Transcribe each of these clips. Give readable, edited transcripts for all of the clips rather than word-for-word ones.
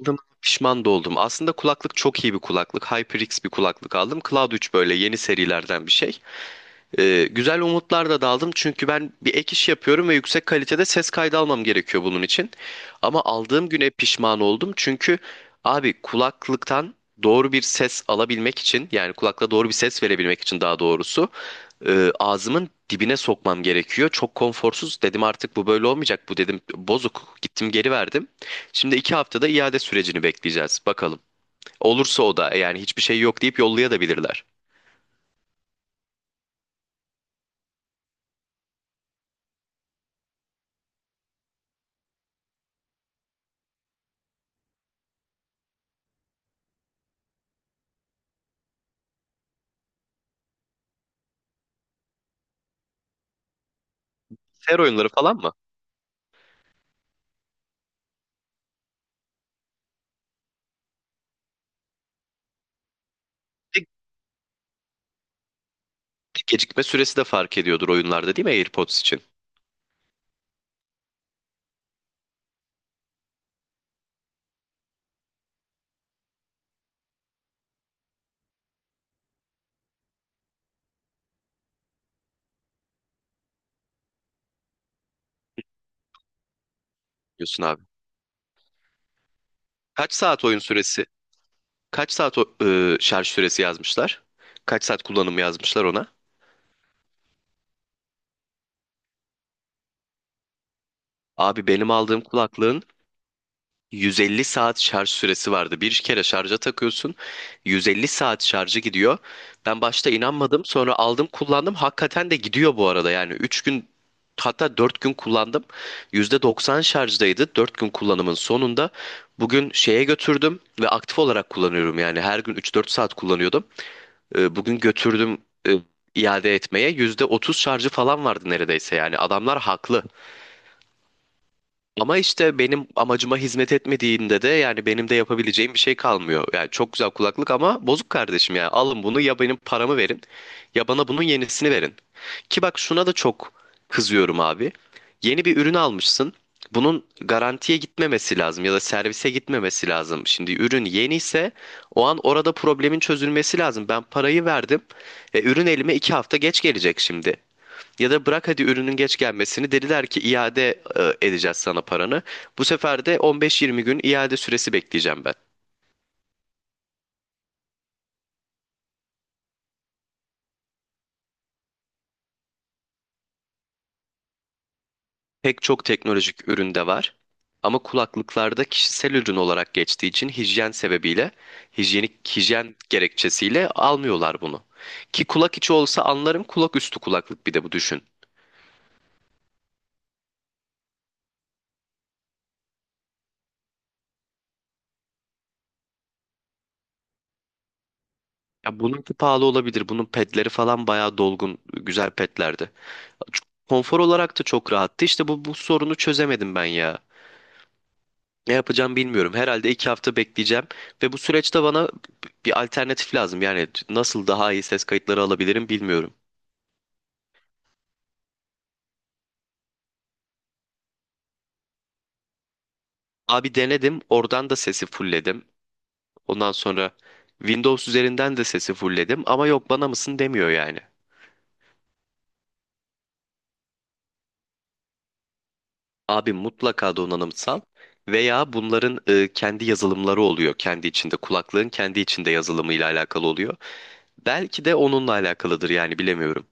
Aldığıma pişman da oldum. Aslında kulaklık çok iyi bir kulaklık. HyperX bir kulaklık aldım. Cloud 3 böyle yeni serilerden bir şey. Güzel umutlar da daldım çünkü ben bir ek iş yapıyorum ve yüksek kalitede ses kaydı almam gerekiyor bunun için. Ama aldığım güne pişman oldum çünkü abi kulaklıktan doğru bir ses alabilmek için, yani kulakla doğru bir ses verebilmek için daha doğrusu, ağzımın dibine sokmam gerekiyor. Çok konforsuz. Dedim artık bu böyle olmayacak. Bu dedim bozuk. Gittim geri verdim. Şimdi 2 haftada iade sürecini bekleyeceğiz. Bakalım. Olursa o da, yani hiçbir şey yok deyip yollayabilirler. Ser oyunları falan mı? Bir, bir gecikme süresi de fark ediyordur oyunlarda, değil mi, AirPods için? Diyorsun abi. Kaç saat oyun süresi? Kaç saat şarj süresi yazmışlar? Kaç saat kullanım yazmışlar ona? Abi, benim aldığım kulaklığın 150 saat şarj süresi vardı. Bir kere şarja takıyorsun. 150 saat şarjı gidiyor. Ben başta inanmadım. Sonra aldım kullandım. Hakikaten de gidiyor bu arada. Yani 3 gün, hatta 4 gün kullandım. %90 şarjdaydı. 4 gün kullanımın sonunda bugün şeye götürdüm ve aktif olarak kullanıyorum. Yani her gün 3-4 saat kullanıyordum. Bugün götürdüm, e, iade etmeye. %30 şarjı falan vardı neredeyse. Yani adamlar haklı. Ama işte benim amacıma hizmet etmediğinde de, yani benim de yapabileceğim bir şey kalmıyor. Yani çok güzel kulaklık ama bozuk kardeşim, yani alın bunu ya benim paramı verin ya bana bunun yenisini verin. Ki bak, şuna da çok kızıyorum abi. Yeni bir ürün almışsın. Bunun garantiye gitmemesi lazım ya da servise gitmemesi lazım. Şimdi ürün yeni ise o an orada problemin çözülmesi lazım. Ben parayı verdim. Ürün elime 2 hafta geç gelecek şimdi. Ya da bırak hadi ürünün geç gelmesini, dediler ki iade edeceğiz sana paranı. Bu sefer de 15-20 gün iade süresi bekleyeceğim ben. Pek çok teknolojik üründe var. Ama kulaklıklarda kişisel ürün olarak geçtiği için hijyen sebebiyle, hijyenik hijyen gerekçesiyle almıyorlar bunu. Ki kulak içi olsa anlarım, kulak üstü kulaklık, bir de bu, düşün. Ya, bununki pahalı olabilir. Bunun pedleri falan bayağı dolgun, güzel pedlerdi. Konfor olarak da çok rahattı. İşte bu sorunu çözemedim ben ya. Ne yapacağım bilmiyorum. Herhalde 2 hafta bekleyeceğim ve bu süreçte bana bir alternatif lazım. Yani nasıl daha iyi ses kayıtları alabilirim bilmiyorum. Abi denedim, oradan da sesi fullledim. Ondan sonra Windows üzerinden de sesi fullledim ama yok, bana mısın demiyor yani. Abi, mutlaka donanımsal veya bunların, kendi yazılımları oluyor. Kendi içinde, kulaklığın kendi içinde yazılımıyla alakalı oluyor. Belki de onunla alakalıdır, yani bilemiyorum.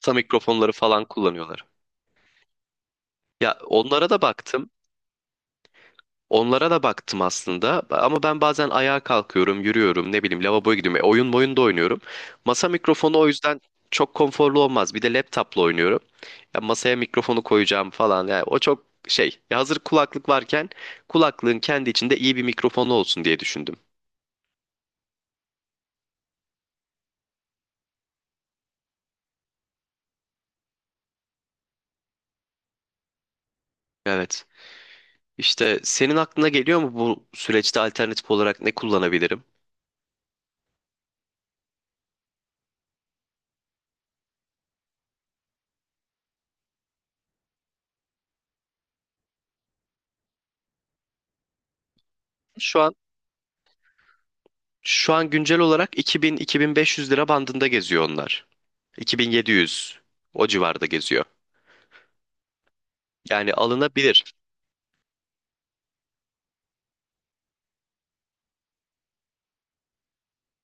Kısa mikrofonları falan kullanıyorlar. Ya, onlara da baktım. Onlara da baktım aslında. Ama ben bazen ayağa kalkıyorum, yürüyorum, ne bileyim lavaboya gidiyorum. Oyun boyun da oynuyorum. Masa mikrofonu o yüzden çok konforlu olmaz. Bir de laptopla oynuyorum. Ya, masaya mikrofonu koyacağım falan. Yani o çok şey. Ya hazır kulaklık varken, kulaklığın kendi içinde iyi bir mikrofonu olsun diye düşündüm. Evet. İşte senin aklına geliyor mu bu süreçte alternatif olarak ne kullanabilirim? Şu an şu an güncel olarak 2000-2500 lira bandında geziyor onlar. 2700, o civarda geziyor. Yani alınabilir.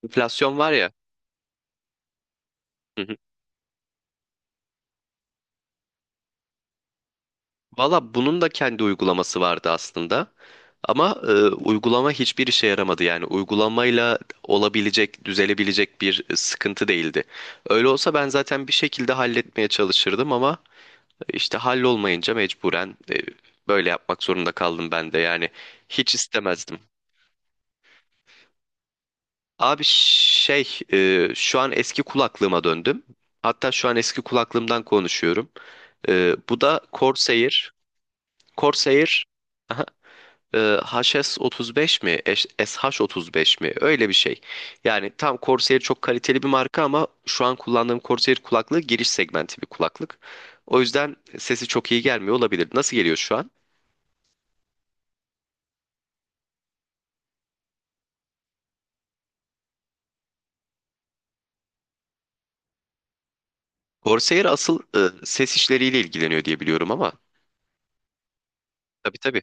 Enflasyon var ya. Hı hı. Valla bunun da kendi uygulaması vardı aslında. Ama uygulama hiçbir işe yaramadı. Yani uygulamayla olabilecek, düzelebilecek bir sıkıntı değildi. Öyle olsa ben zaten bir şekilde halletmeye çalışırdım ama. İşte hallolmayınca mecburen, böyle yapmak zorunda kaldım ben de, yani hiç istemezdim. Abi şey, şu an eski kulaklığıma döndüm. Hatta şu an eski kulaklığımdan konuşuyorum. Bu da Corsair. Corsair, aha, e, HS35 mi? SH35 mi? Öyle bir şey. Yani tam Corsair çok kaliteli bir marka ama şu an kullandığım Corsair kulaklığı giriş segmenti bir kulaklık. O yüzden sesi çok iyi gelmiyor olabilir. Nasıl geliyor şu an? Corsair asıl, ses işleriyle ilgileniyor diye biliyorum ama, tabii tabii.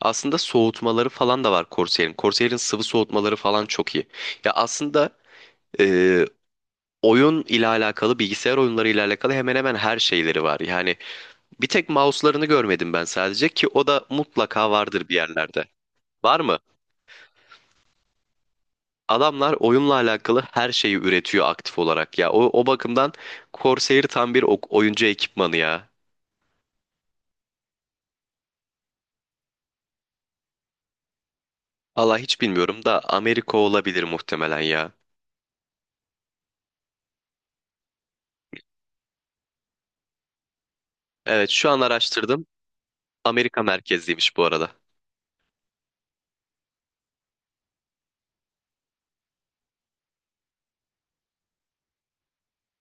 Aslında soğutmaları falan da var Corsair'in. Corsair'in sıvı soğutmaları falan çok iyi. Ya aslında, e, oyun ile alakalı, bilgisayar oyunları ile alakalı hemen hemen her şeyleri var. Yani bir tek mouse'larını görmedim ben sadece, ki o da mutlaka vardır bir yerlerde. Var mı? Adamlar oyunla alakalı her şeyi üretiyor aktif olarak ya. O bakımdan Corsair tam bir oyuncu ekipmanı ya. Allah, hiç bilmiyorum da Amerika olabilir muhtemelen ya. Evet, şu an araştırdım. Amerika merkezliymiş bu arada.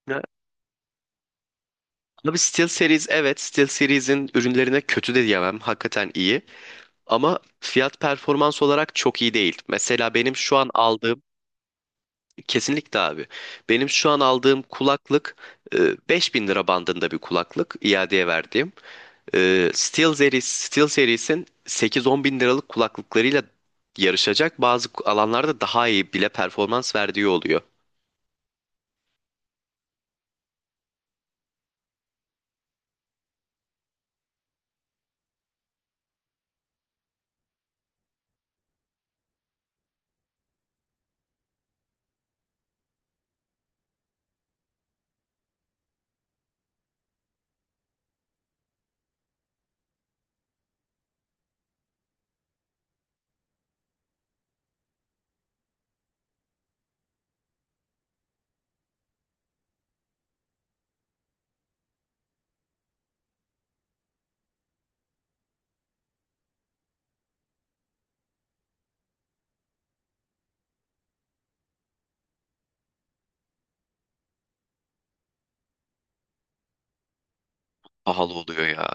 Ya, abi, SteelSeries, evet, SteelSeries'in ürünlerine kötü de diyemem. Hakikaten iyi. Ama fiyat performans olarak çok iyi değil. Mesela benim şu an aldığım. Kesinlikle abi. Benim şu an aldığım kulaklık, e, 5.000 lira bandında bir kulaklık iadeye verdiğim. SteelSeries'in 8-10 bin liralık kulaklıklarıyla yarışacak. Bazı alanlarda daha iyi bile performans verdiği oluyor. Pahalı oluyor ya.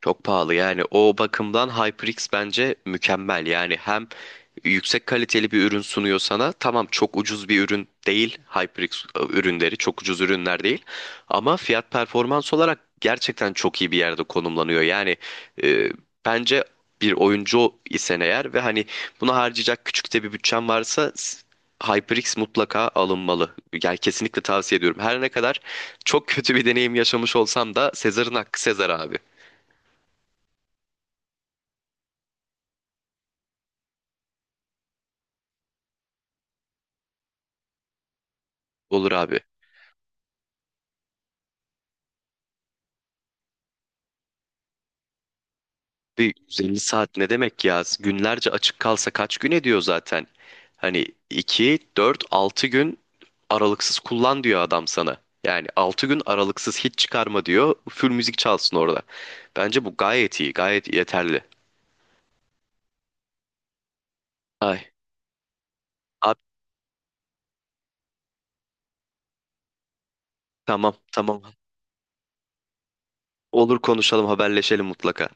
Çok pahalı, yani o bakımdan HyperX bence mükemmel. Yani hem yüksek kaliteli bir ürün sunuyor sana, tamam çok ucuz bir ürün değil HyperX, ürünleri çok ucuz ürünler değil ama fiyat performans olarak gerçekten çok iyi bir yerde konumlanıyor yani, e, bence bir oyuncu isen eğer ve hani buna harcayacak küçük de bir bütçen varsa, HyperX mutlaka alınmalı. Yani kesinlikle tavsiye ediyorum. Her ne kadar çok kötü bir deneyim yaşamış olsam da, Sezar'ın hakkı Sezar abi. Olur abi. Bir 150 saat ne demek ya? Günlerce açık kalsa kaç gün ediyor zaten? Hani 2-4-6 gün aralıksız kullan diyor adam sana. Yani 6 gün aralıksız hiç çıkarma diyor. Full müzik çalsın orada. Bence bu gayet iyi, gayet yeterli. Ay, abi, tamam, tamam. Olur, konuşalım, haberleşelim mutlaka.